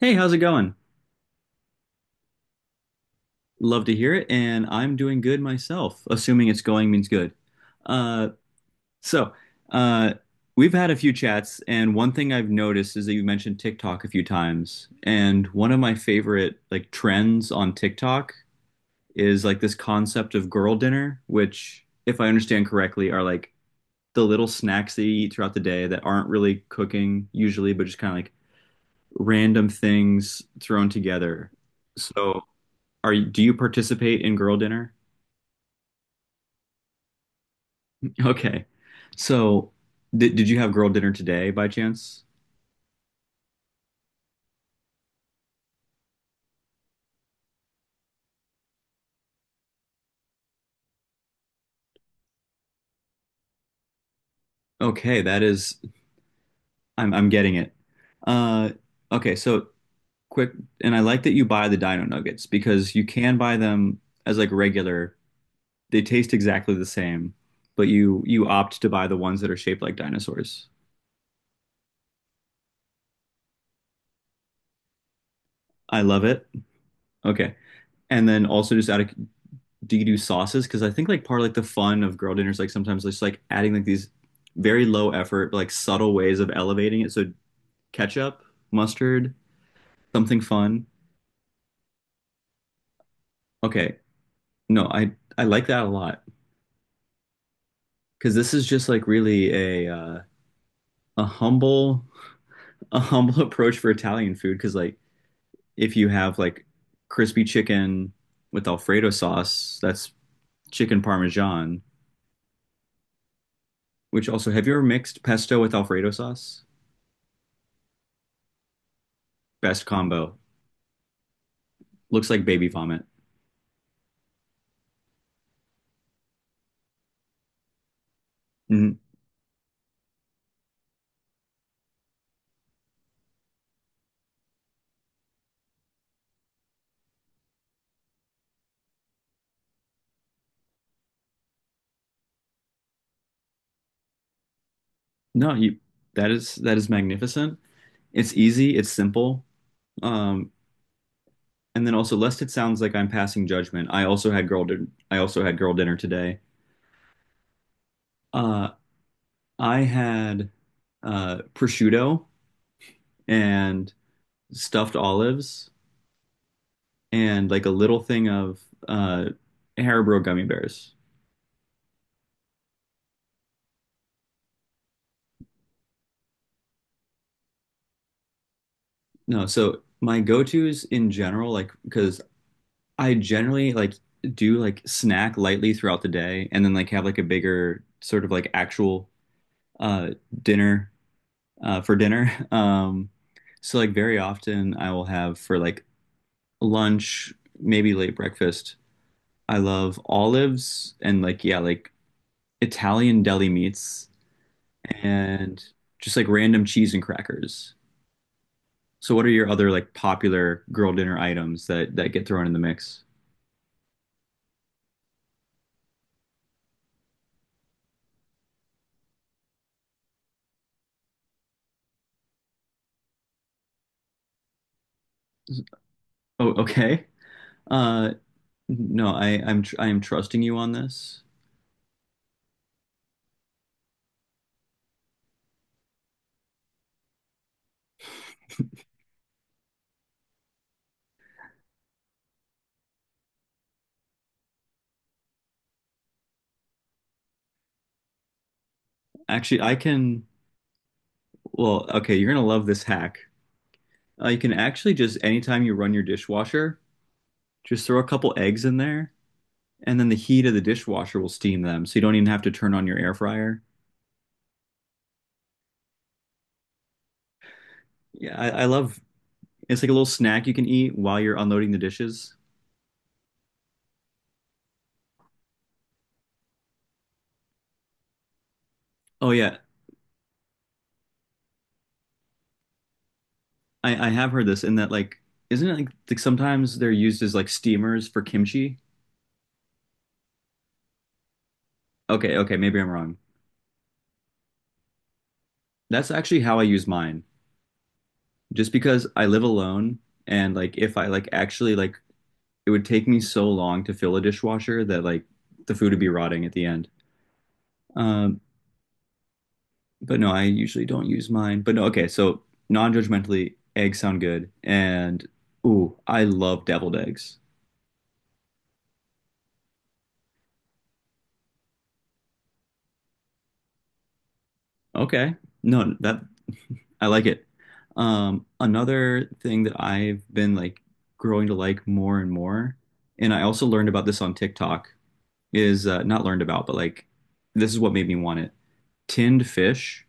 Hey, how's it going? Love to hear it, and I'm doing good myself, assuming it's going means good. Uh, so, uh, we've had a few chats, and one thing I've noticed is that you mentioned TikTok a few times, and one of my favorite like trends on TikTok is like this concept of girl dinner, which, if I understand correctly, are like the little snacks that you eat throughout the day that aren't really cooking usually, but just kind of like random things thrown together. So. Are you, do you participate in girl dinner? Okay. So, did you have girl dinner today by chance? Okay, that is I'm getting it. Uh okay, so quick and I like that you buy the dino nuggets because you can buy them as like regular. They taste exactly the same, but you opt to buy the ones that are shaped like dinosaurs. I love it. Okay. And then also just out of do you do sauces? Because I think like part of like the fun of girl dinners like sometimes just like adding like these very low effort but like subtle ways of elevating it. So ketchup, mustard, something fun. Okay, no, I like that a lot because this is just like really a uh, a humble a humble approach for Italian food. Because like if you have like crispy chicken with Alfredo sauce, that's chicken parmesan. Which also, have you ever mixed pesto with Alfredo sauce? Best combo. Looks like baby vomit. Mhm. No, you that is magnificent. It's easy, it's simple. Um, and then also lest it sounds like I'm passing judgment. I also had girl din I also had girl dinner today. Uh, I had prosciutto and stuffed olives and like a little thing of uh Haribo gummy bears. No, so my go-tos in general, like because I generally like do like snack lightly throughout the day and then like have like a bigger sort of like actual uh, dinner for dinner. So like very often I will have for like lunch, maybe late breakfast. I love olives and like yeah, like Italian deli meats and just like random cheese and crackers. So what are your other like popular girl dinner items that get thrown in the mix? Oh, okay. Uh, no, I I'm tr I am trusting you on this. Actually, I can. Well, okay, you're gonna love this hack. You can actually just anytime you run your dishwasher, just throw a couple eggs in there, and then the heat of the dishwasher will steam them, so you don't even have to turn on your air fryer. Yeah, I love it's like a little snack you can eat while you're unloading the dishes. Oh yeah, I have heard this in that like isn't it like sometimes they're used as like steamers for kimchi? Okay, okay, maybe I'm wrong. That's actually how I use mine. Just because I live alone and like if I like actually like it would take me so long to fill a dishwasher that like the food would be rotting at the end. Um, but no, I usually don't use mine. But no, okay, so non-judgmentally, eggs sound good. And ooh, I love deviled eggs. Okay. No, that I like it. Another thing that I've been like growing to like more and more, and I also learned about this on TikTok, is not learned about, but like this is what made me want it. Tinned fish,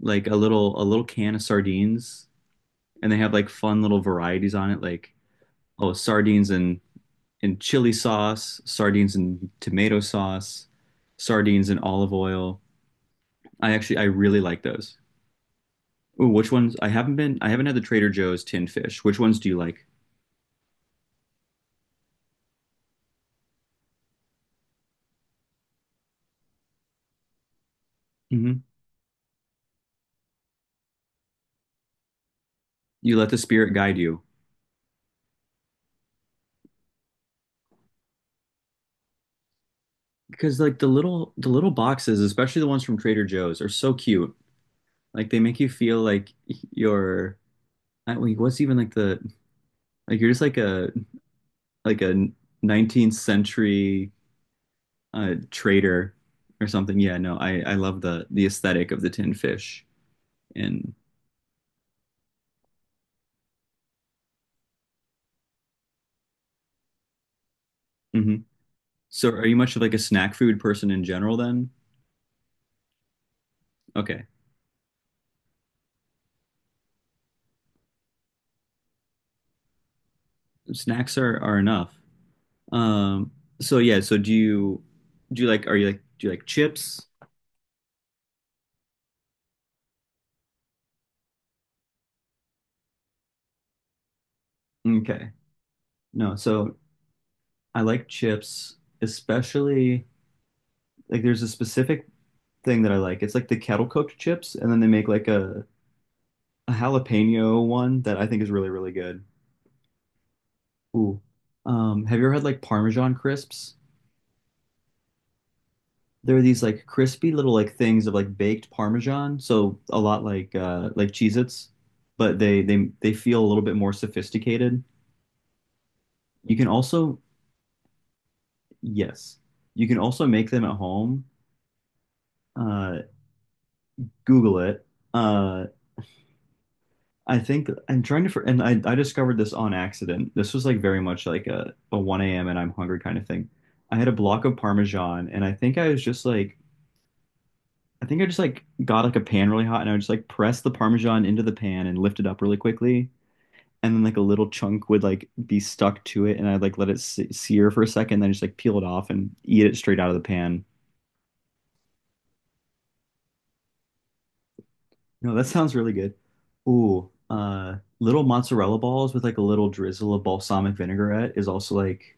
like a little can of sardines, and they have like fun little varieties on it, like oh, sardines and in chili sauce, sardines and tomato sauce, sardines and olive oil. I really like those. Ooh, which ones? I haven't had the Trader Joe's tin fish. Which ones do you like? Hmm. You let the spirit guide you. Because like the little boxes, especially the ones from Trader Joe's, are so cute. Like they make you feel like you're I, wait, what's even like the like you're just like a 19th century trader or something. Yeah, no, I love the aesthetic of the tin fish. And hmm. So are you much of like a snack food person in general then? Okay. Snacks are enough. Um so yeah, so do you are you like do you like chips? Okay. No, so I like chips, especially like there's a specific thing that I like. It's like the kettle cooked chips and then they make like a jalapeno one that I think is really really good. Ooh. Have you ever had like Parmesan crisps? There are these like crispy little like things of like baked Parmesan, so a lot like Cheez-Its, but they feel a little bit more sophisticated. You can also yes, you can also make them at home. Uh, Google it. Uh, I think I'm trying to for, and I discovered this on accident. This was like very much like a 1 a.m. and I'm hungry kind of thing. I had a block of Parmesan, and I think I was just like. I think I just like got like a pan really hot and I would just like press the Parmesan into the pan and lift it up really quickly and then like a little chunk would like be stuck to it, and I'd like let it sear for a second, then just like peel it off and eat it straight out of the pan. No, that sounds really good. Ooh, little mozzarella balls with like a little drizzle of balsamic vinaigrette is also like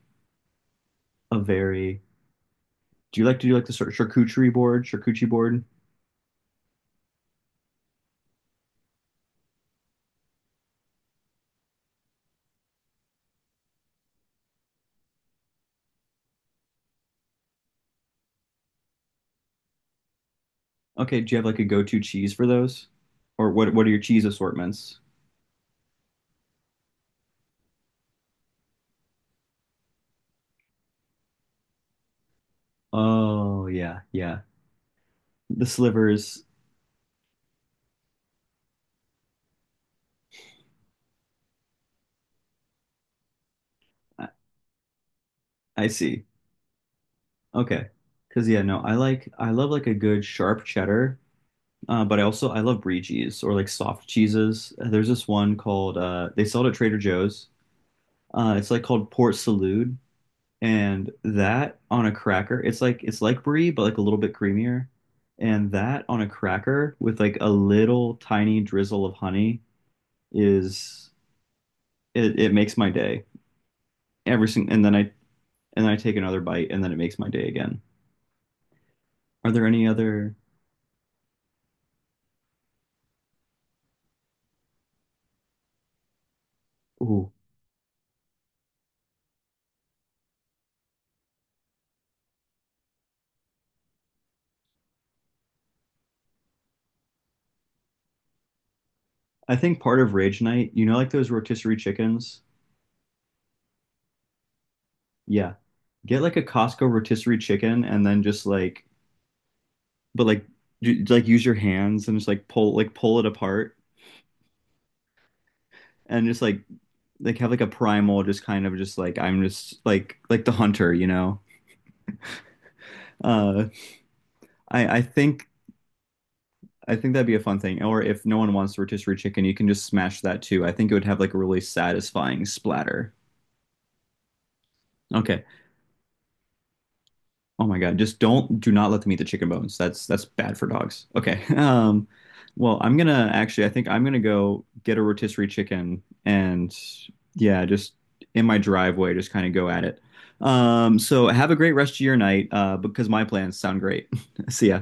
a very. Do you like to do like the charcuterie board, charcuterie board? Okay, do you have like a go-to cheese for those? Or what are your cheese assortments? Oh, yeah, yeah. The slivers. I, I see. Okay. Cause yeah, no, I like I love like a good sharp cheddar, but I also I love brie cheese or like soft cheeses. There's this one called they sell it at Trader Joe's. It's like called Port Salut, and that on a cracker, it's like brie but like a little bit creamier, and that on a cracker with like a little tiny drizzle of honey is it, it makes my day every single. And then I take another bite, and then it makes my day again. Are there any other? Ooh. I think part of Rage Night, you know, like those rotisserie chickens? Yeah. Get like a Costco rotisserie chicken and then just like, but like, like use your hands and just like pull it apart and just like have like a primal, just kind of just like, I'm just like the hunter, you know? Uh, I, I think, I think that'd be a fun thing. Or if no one wants rotisserie chicken, you can just smash that too. I think it would have like a really satisfying splatter. Okay. Oh my God, just don't do not let them eat the chicken bones. That's bad for dogs. Okay. Well, I think I'm gonna go get a rotisserie chicken and yeah, just in my driveway, just kind of go at it. So have a great rest of your night, because my plans sound great. See ya.